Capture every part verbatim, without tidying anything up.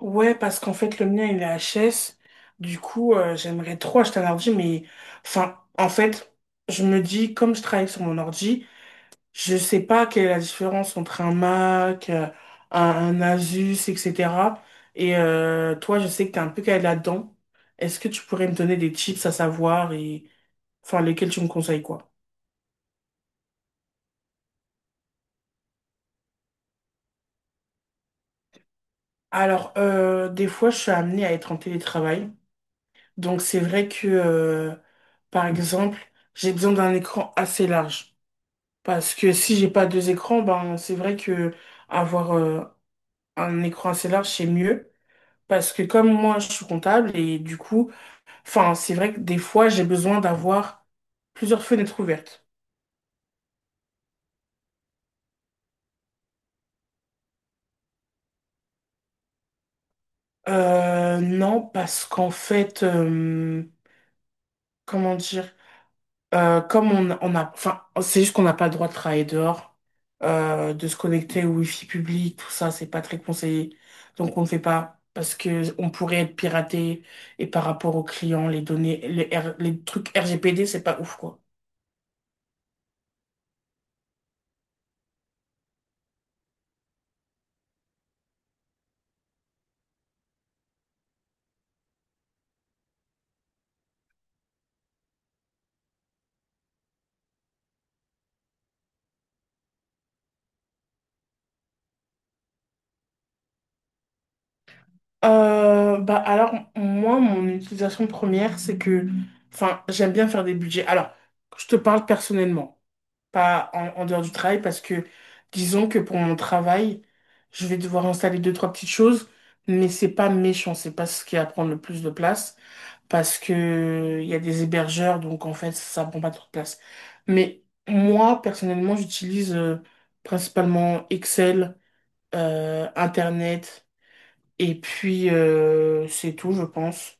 Ouais, parce qu'en fait, le mien, il est H S. Du coup, euh, j'aimerais trop acheter un ordi, mais enfin, en fait, je me dis, comme je travaille sur mon ordi, je sais pas quelle est la différence entre un Mac, euh, un, un Asus, et cætera. Et euh, toi, je sais que t'es un peu calé là-dedans. Est-ce que tu pourrais me donner des tips à savoir et enfin lesquels tu me conseilles quoi? Alors, euh, des fois, je suis amenée à être en télétravail. Donc, c'est vrai que, euh, par exemple, j'ai besoin d'un écran assez large. Parce que si j'ai pas deux écrans, ben c'est vrai que avoir euh, un écran assez large, c'est mieux. Parce que comme moi, je suis comptable et du coup, enfin, c'est vrai que des fois, j'ai besoin d'avoir plusieurs fenêtres ouvertes. Euh, non, parce qu'en fait, euh, comment dire? Euh, comme on, on a, enfin, c'est juste qu'on n'a pas le droit de travailler dehors, euh, de se connecter au wifi public, tout ça, c'est pas très conseillé. Donc on ne fait pas parce que on pourrait être piraté et par rapport aux clients, les données, les, R- les trucs R G P D, c'est pas ouf quoi. Euh, bah alors moi mon utilisation première c'est que enfin j'aime bien faire des budgets. Alors je te parle personnellement, pas en, en dehors du travail parce que disons que pour mon travail je vais devoir installer deux trois petites choses mais c'est pas méchant, c'est pas ce qui va prendre le plus de place parce que il y a des hébergeurs donc en fait ça prend pas trop de place. Mais moi personnellement j'utilise euh, principalement Excel, euh, Internet. Et puis, euh, c'est tout, je pense.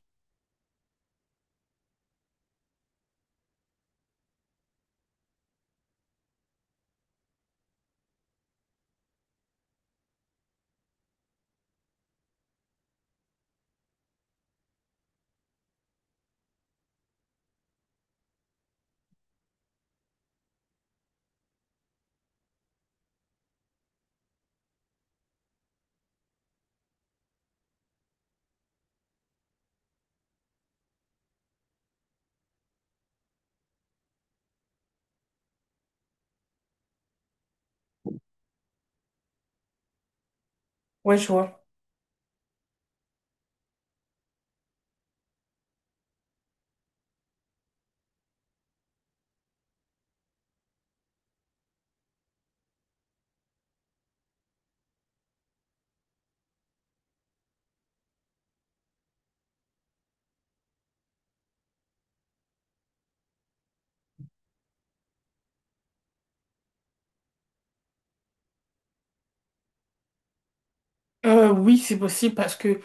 Ouais, je vois. Euh, oui, c'est possible parce que,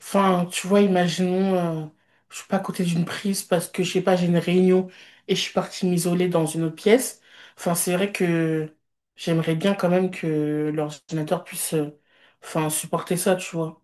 enfin, tu vois, imaginons, euh, je suis pas à côté d'une prise parce que, je sais pas, j'ai une réunion et je suis partie m'isoler dans une autre pièce. Enfin, c'est vrai que j'aimerais bien quand même que l'ordinateur puisse, euh, enfin, supporter ça, tu vois.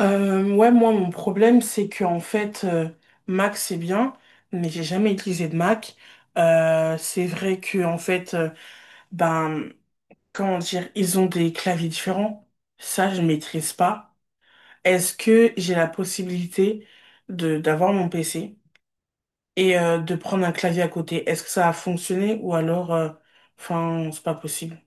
Euh, ouais, moi, mon problème, c'est que, en fait, euh, Mac, c'est bien, mais j'ai jamais utilisé de Mac. Euh, c'est vrai que, en fait, euh, ben, comment dire, ils ont des claviers différents. Ça, je maîtrise pas. Est-ce que j'ai la possibilité de d'avoir mon P C et euh, de prendre un clavier à côté? Est-ce que ça a fonctionné ou alors, euh, enfin, c'est pas possible.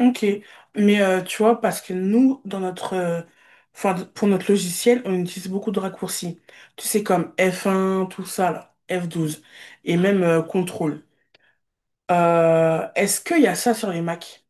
Ok, mais euh, tu vois, parce que nous, dans notre, euh, enfin, pour notre logiciel, on utilise beaucoup de raccourcis. Tu sais, comme F un, tout ça, là, F douze, et même euh, contrôle. Euh, est-ce qu'il y a ça sur les Mac?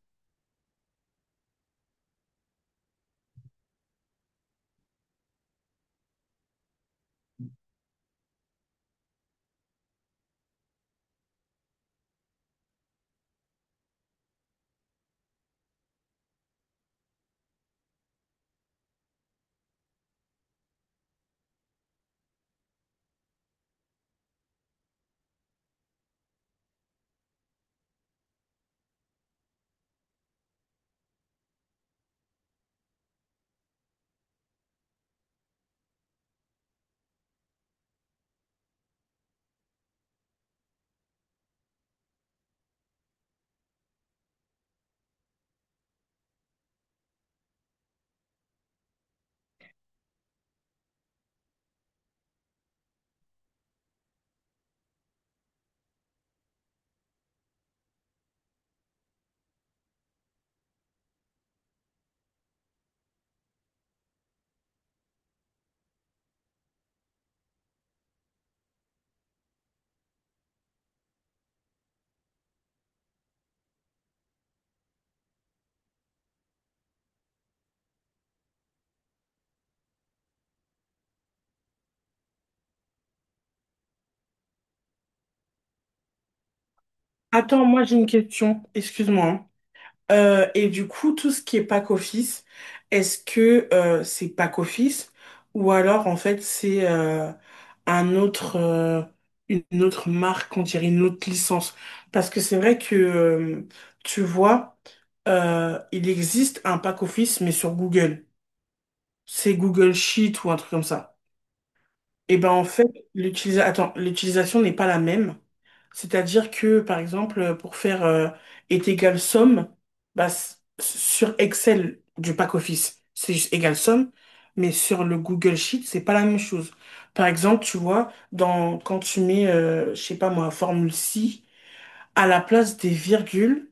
Attends, moi j'ai une question, excuse-moi, hein. Euh, et du coup, tout ce qui est pack office, est-ce que euh, c'est pack office ou alors en fait c'est euh, un autre, euh, une autre marque, on dirait une autre licence? Parce que c'est vrai que euh, tu vois, euh, il existe un pack office mais sur Google. C'est Google Sheet ou un truc comme ça et ben en fait, l'utilisa- attends, l'utilisation n'est pas la même. C'est-à-dire que, par exemple, pour faire euh, est égal somme, bah, s- sur Excel du pack office c'est juste égal somme, mais sur le Google Sheet, c'est pas la même chose. Par exemple, tu vois, dans, quand tu mets, euh, je sais pas moi, formule si, à la place des virgules,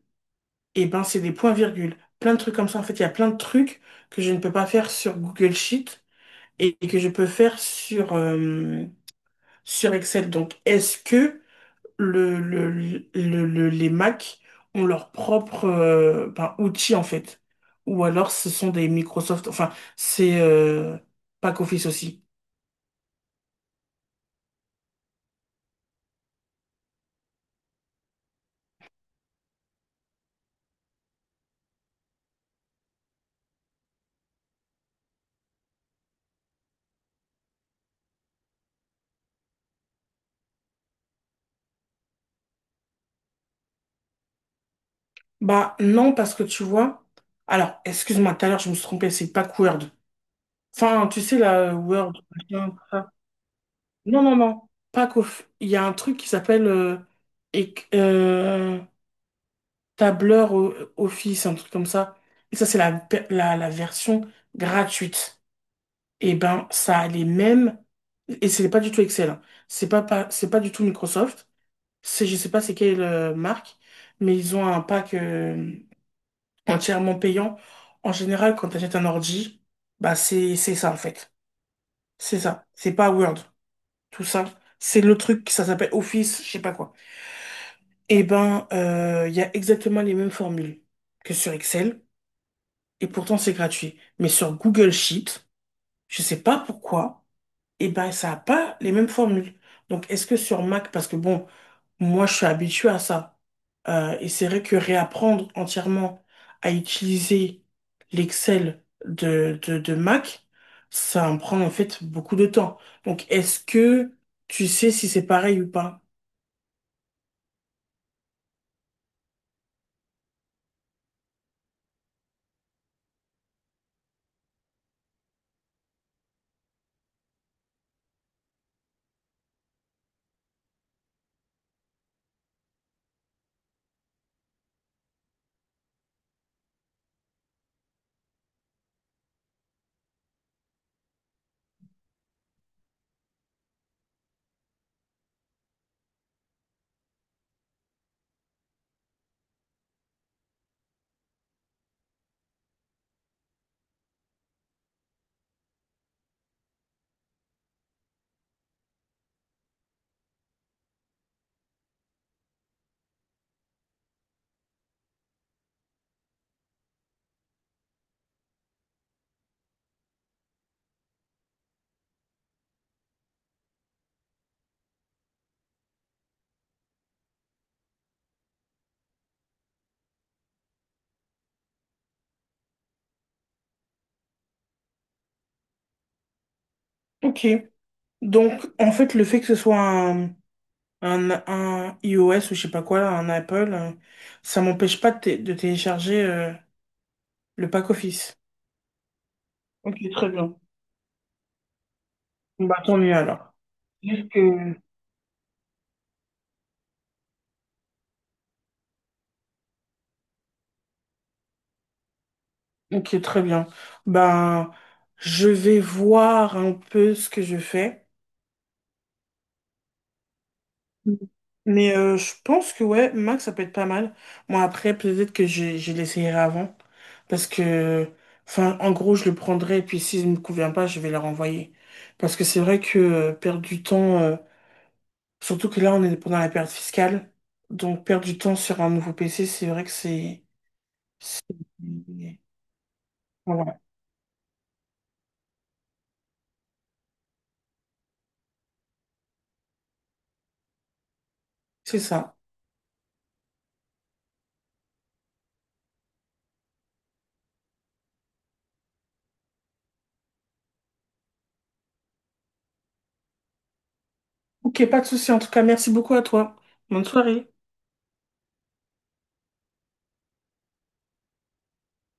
et ben c'est des points-virgules. Plein de trucs comme ça. En fait, il y a plein de trucs que je ne peux pas faire sur Google Sheet et et que je peux faire sur euh, sur Excel. Donc, est-ce que le, le- le- le- les Mac ont leur propre euh, ben, outil en fait? Ou alors ce sont des Microsoft, enfin, c'est euh, Office aussi. Bah non, parce que tu vois, alors, excuse-moi, tout à l'heure je me suis trompé, c'est Pack Word. Enfin, tu sais, la Word, machin, tout ça. Non, non, non, Pack Off- il y a un truc qui s'appelle euh, éc- euh, tableur o- Office, un truc comme ça. Et ça, c'est la, pe- la, la version gratuite. Et ben, ça a les mêmes, et c'est pas du tout Excel, hein. C'est pas, pas, c'est pas du tout Microsoft. C'est, je sais pas c'est quelle euh, marque, mais ils ont un pack euh, entièrement payant. En général, quand tu achètes un ordi, bah, c'est, c'est ça, en fait. C'est ça. C'est pas Word. Tout ça. C'est le truc, ça s'appelle Office, je sais pas quoi. Et ben, euh, il y a exactement les mêmes formules que sur Excel. Et pourtant c'est gratuit. Mais sur Google Sheet, je sais pas pourquoi, et ben ça a pas les mêmes formules. Donc est-ce que sur Mac, parce que bon, moi je suis habitué à ça, euh, et c'est vrai que réapprendre entièrement à utiliser l'Excel de, de, de Mac, ça me prend en fait beaucoup de temps. Donc est-ce que tu sais si c'est pareil ou pas? Ok. Donc en fait le fait que ce soit un un, un iOS ou je sais pas quoi, un Apple, euh, ça m'empêche pas de, té- de télécharger euh, le pack office. Ok, très bien. Bah tant mieux alors. Juste que... Ok, très bien. Ben, je vais voir un peu ce que je fais. Mm. Mais euh, je pense que ouais, Mac, ça peut être pas mal. Moi, après, peut-être que je, je l'essayerai avant. Parce que, enfin, en gros, je le prendrai et puis s'il ne me convient pas, je vais le renvoyer. Parce que c'est vrai que euh, perdre du temps. euh, Surtout que là, on est pendant la période fiscale. Donc, perdre du temps sur un nouveau P C, c'est vrai que c'est... c'est- Voilà, c'est ça. Ok, pas de souci. En tout cas, merci beaucoup à toi. Bonne soirée.